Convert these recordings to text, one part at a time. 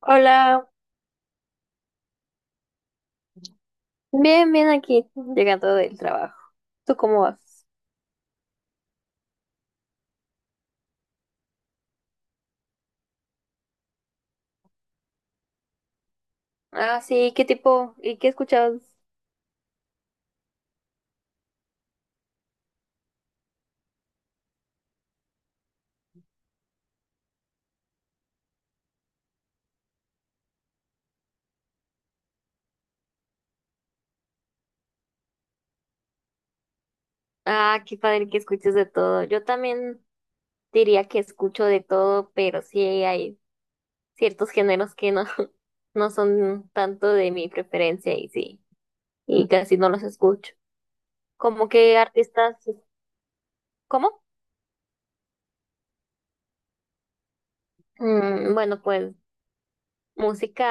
Hola, bien, bien aquí, llegando del trabajo. ¿Tú cómo vas? Ah, sí, ¿qué tipo? ¿Y qué escuchas? Ah, qué padre que escuches de todo. Yo también diría que escucho de todo, pero sí hay ciertos géneros que no, no son tanto de mi preferencia y sí, y casi no los escucho. ¿Cómo que artistas? ¿Cómo? Mm, bueno, pues música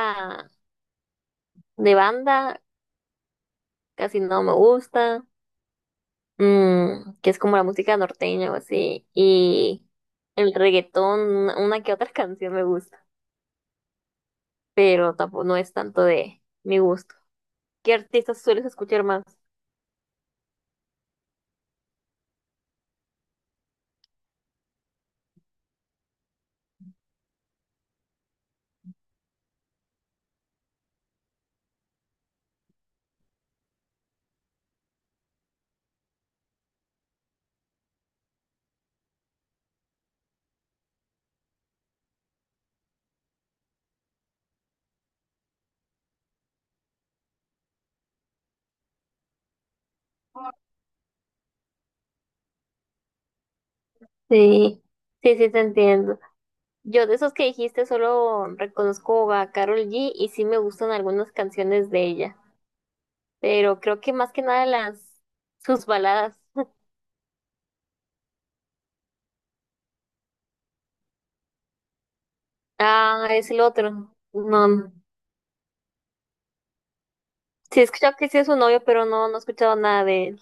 de banda casi no me gusta. Mm, que es como la música norteña o así, y el reggaetón, una que otra canción me gusta, pero tampoco no es tanto de mi gusto. ¿Qué artistas sueles escuchar más? Sí, sí, sí, te entiendo. Yo de esos que dijiste solo reconozco a Carol G y sí me gustan algunas canciones de ella, pero creo que más que nada las sus baladas. Ah, es el otro. No, no. Sí he escuchado que sí es su novio, pero no, no he escuchado nada de él.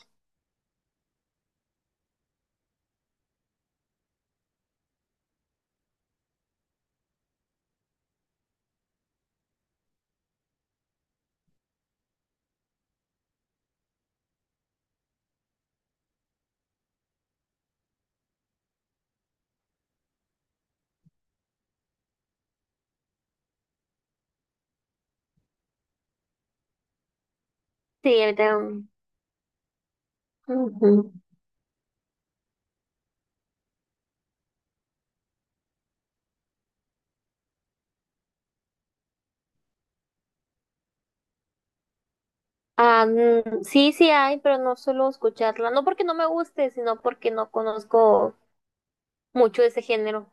Sí, él también. Ah, mm, sí, sí hay, pero no suelo escucharla. No porque no me guste, sino porque no conozco mucho de ese género.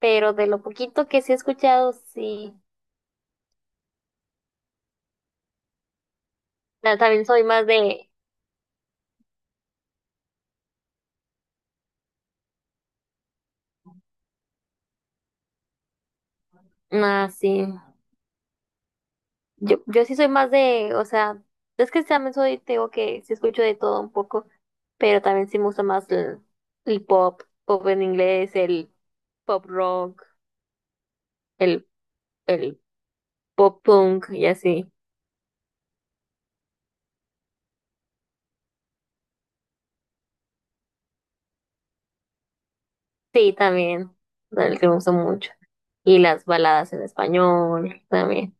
Pero de lo poquito que sí he escuchado, sí. Ah, también soy más de... Ah, sí. Yo sí soy más de... O sea, es que también soy... Te digo que sí escucho de todo un poco. Pero también sí me gusta más el pop. Pop en inglés, el pop rock, el, el pop punk y así. Sí, también el que me gusta mucho. Y las baladas en español también.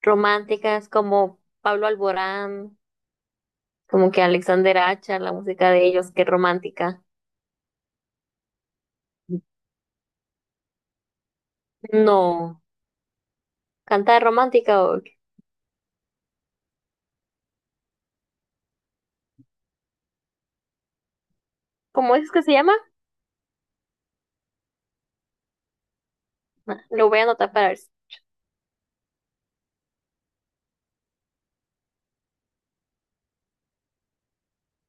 Románticas como Pablo Alborán, como que Alexander Acha, la música de ellos, qué romántica. No, canta de romántica o ¿cómo es que se llama? Ah, lo voy a anotar para ver.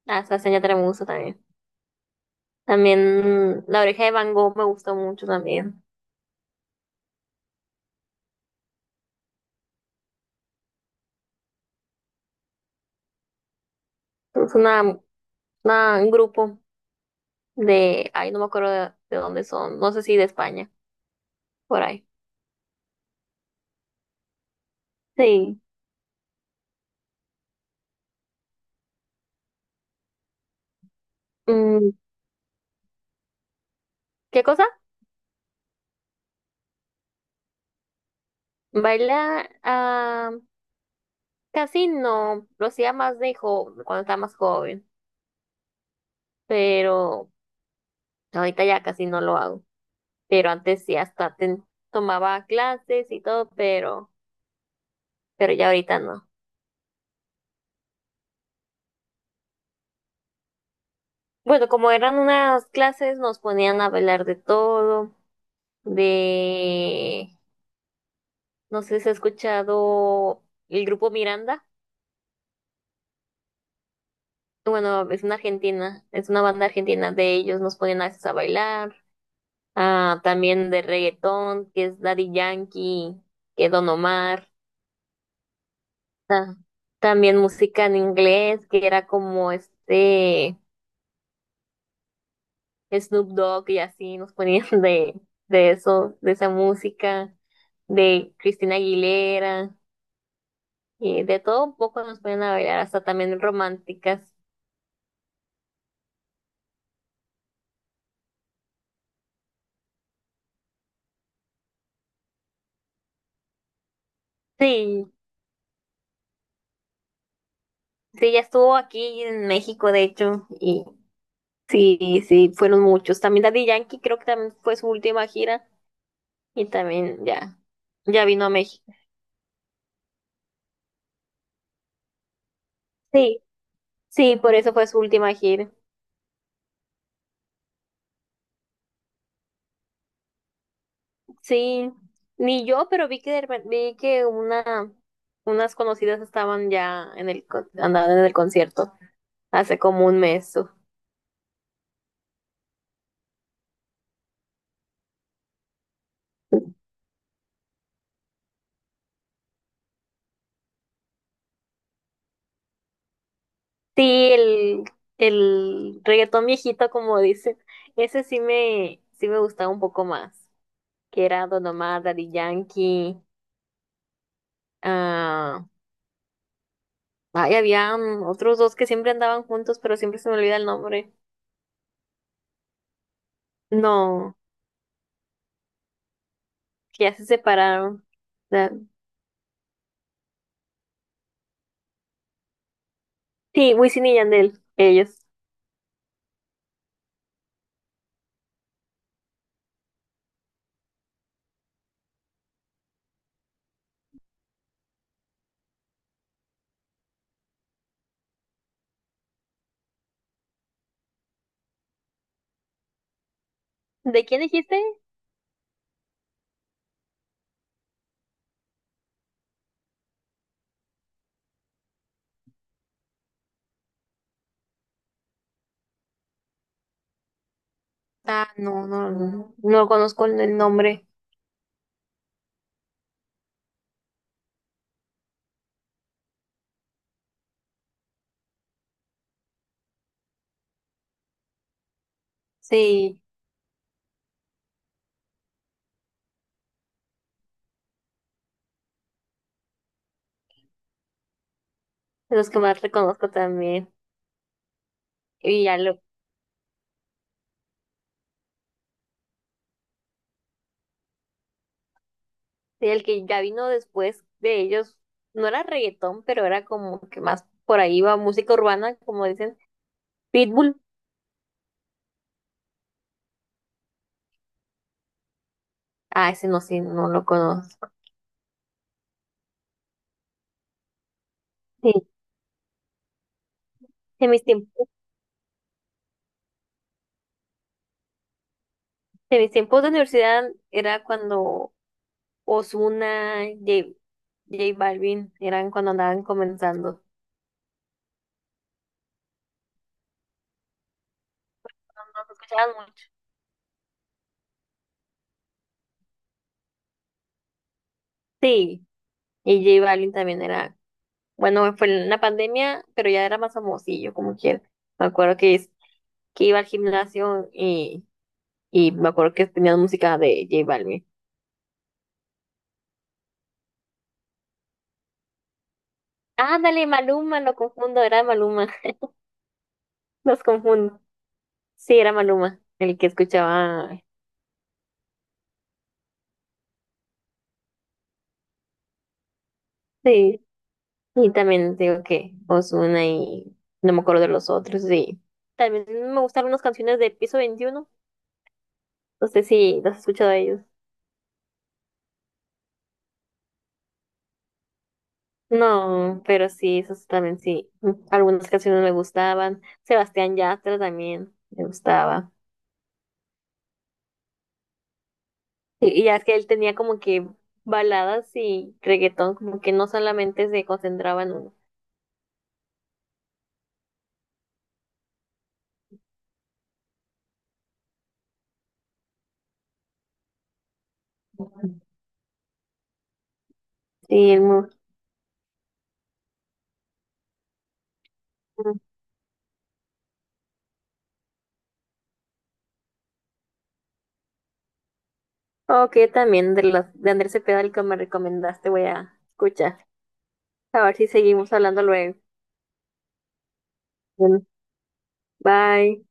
Ah, esa seña me gusta también. También La Oreja de Van Gogh me gustó mucho también. Es una, un grupo de, ay, no me acuerdo de dónde son, no sé si de España, por ahí. Sí. Mm, ¿qué cosa? Baila, ah, casi no, lo hacía más de joven, cuando estaba más joven, pero ahorita ya casi no lo hago. Pero antes sí hasta tomaba clases y todo, pero ya ahorita no. Bueno, como eran unas clases, nos ponían a bailar de todo, de, no sé si has escuchado el grupo Miranda. Bueno, es una argentina, es una banda argentina de ellos, nos ponían a veces a bailar, ah, también de reggaetón, que es Daddy Yankee, que Don Omar. Ta- También música en inglés, que era como este Snoop Dogg y así nos ponían de eso, de esa música, de Cristina Aguilera, y de todo un poco nos ponían a bailar, hasta también románticas. Sí, sí, ya estuvo aquí en México, de hecho, y sí, sí, fueron muchos. También Daddy Yankee creo que también fue su última gira y también ya, ya vino a México. Sí, sí, por eso fue su última gira. Sí, ni yo, pero vi que vi que unas conocidas estaban ya en el andaban en el concierto hace como un mes. Sí, el reggaetón viejito como dicen, ese sí me gustaba un poco más, que era Don Omar, Daddy Yankee, ah, ay, había mm, otros dos que siempre andaban juntos, pero siempre se me olvida el nombre. No, que ya se separaron. Da- Sí, Wisin y Yandel, ellos. ¿De quién dijiste? Ah, no, no, no, no conozco el nombre. Sí, de los que más reconozco también. Y ya lo, sí, el que ya vino después de ellos, no era reggaetón, pero era como que más por ahí va música urbana, como dicen, Pitbull. Ah, ese no, sí, no lo conozco. Sí, en mis tiempos, en mis tiempos de universidad era cuando Ozuna, J Balvin, eran cuando andaban comenzando. No, no se escuchaban mucho. Sí, y J Balvin también era bueno, fue en la pandemia, pero ya era más famosillo, como quiera. Me acuerdo que, que iba al gimnasio y me acuerdo que tenía música de J Balvin. Ándale, Maluma, lo confundo, era Maluma, los confundo. Sí, era Maluma, el que escuchaba. Sí, y también digo que Ozuna y no me acuerdo de los otros, sí. También me gustaron unas canciones de Piso 21, no sé si las has escuchado a ellos. No, pero sí, eso también sí. Mm, algunas canciones me gustaban. Sebastián Yatra también me gustaba. Y ya es que él tenía como que baladas y reggaetón, como que no solamente se concentraba en uno. Sí, ok, también de las de Andrés Cepeda, el que me recomendaste, voy a escuchar. A ver si seguimos hablando luego. Bueno, bye.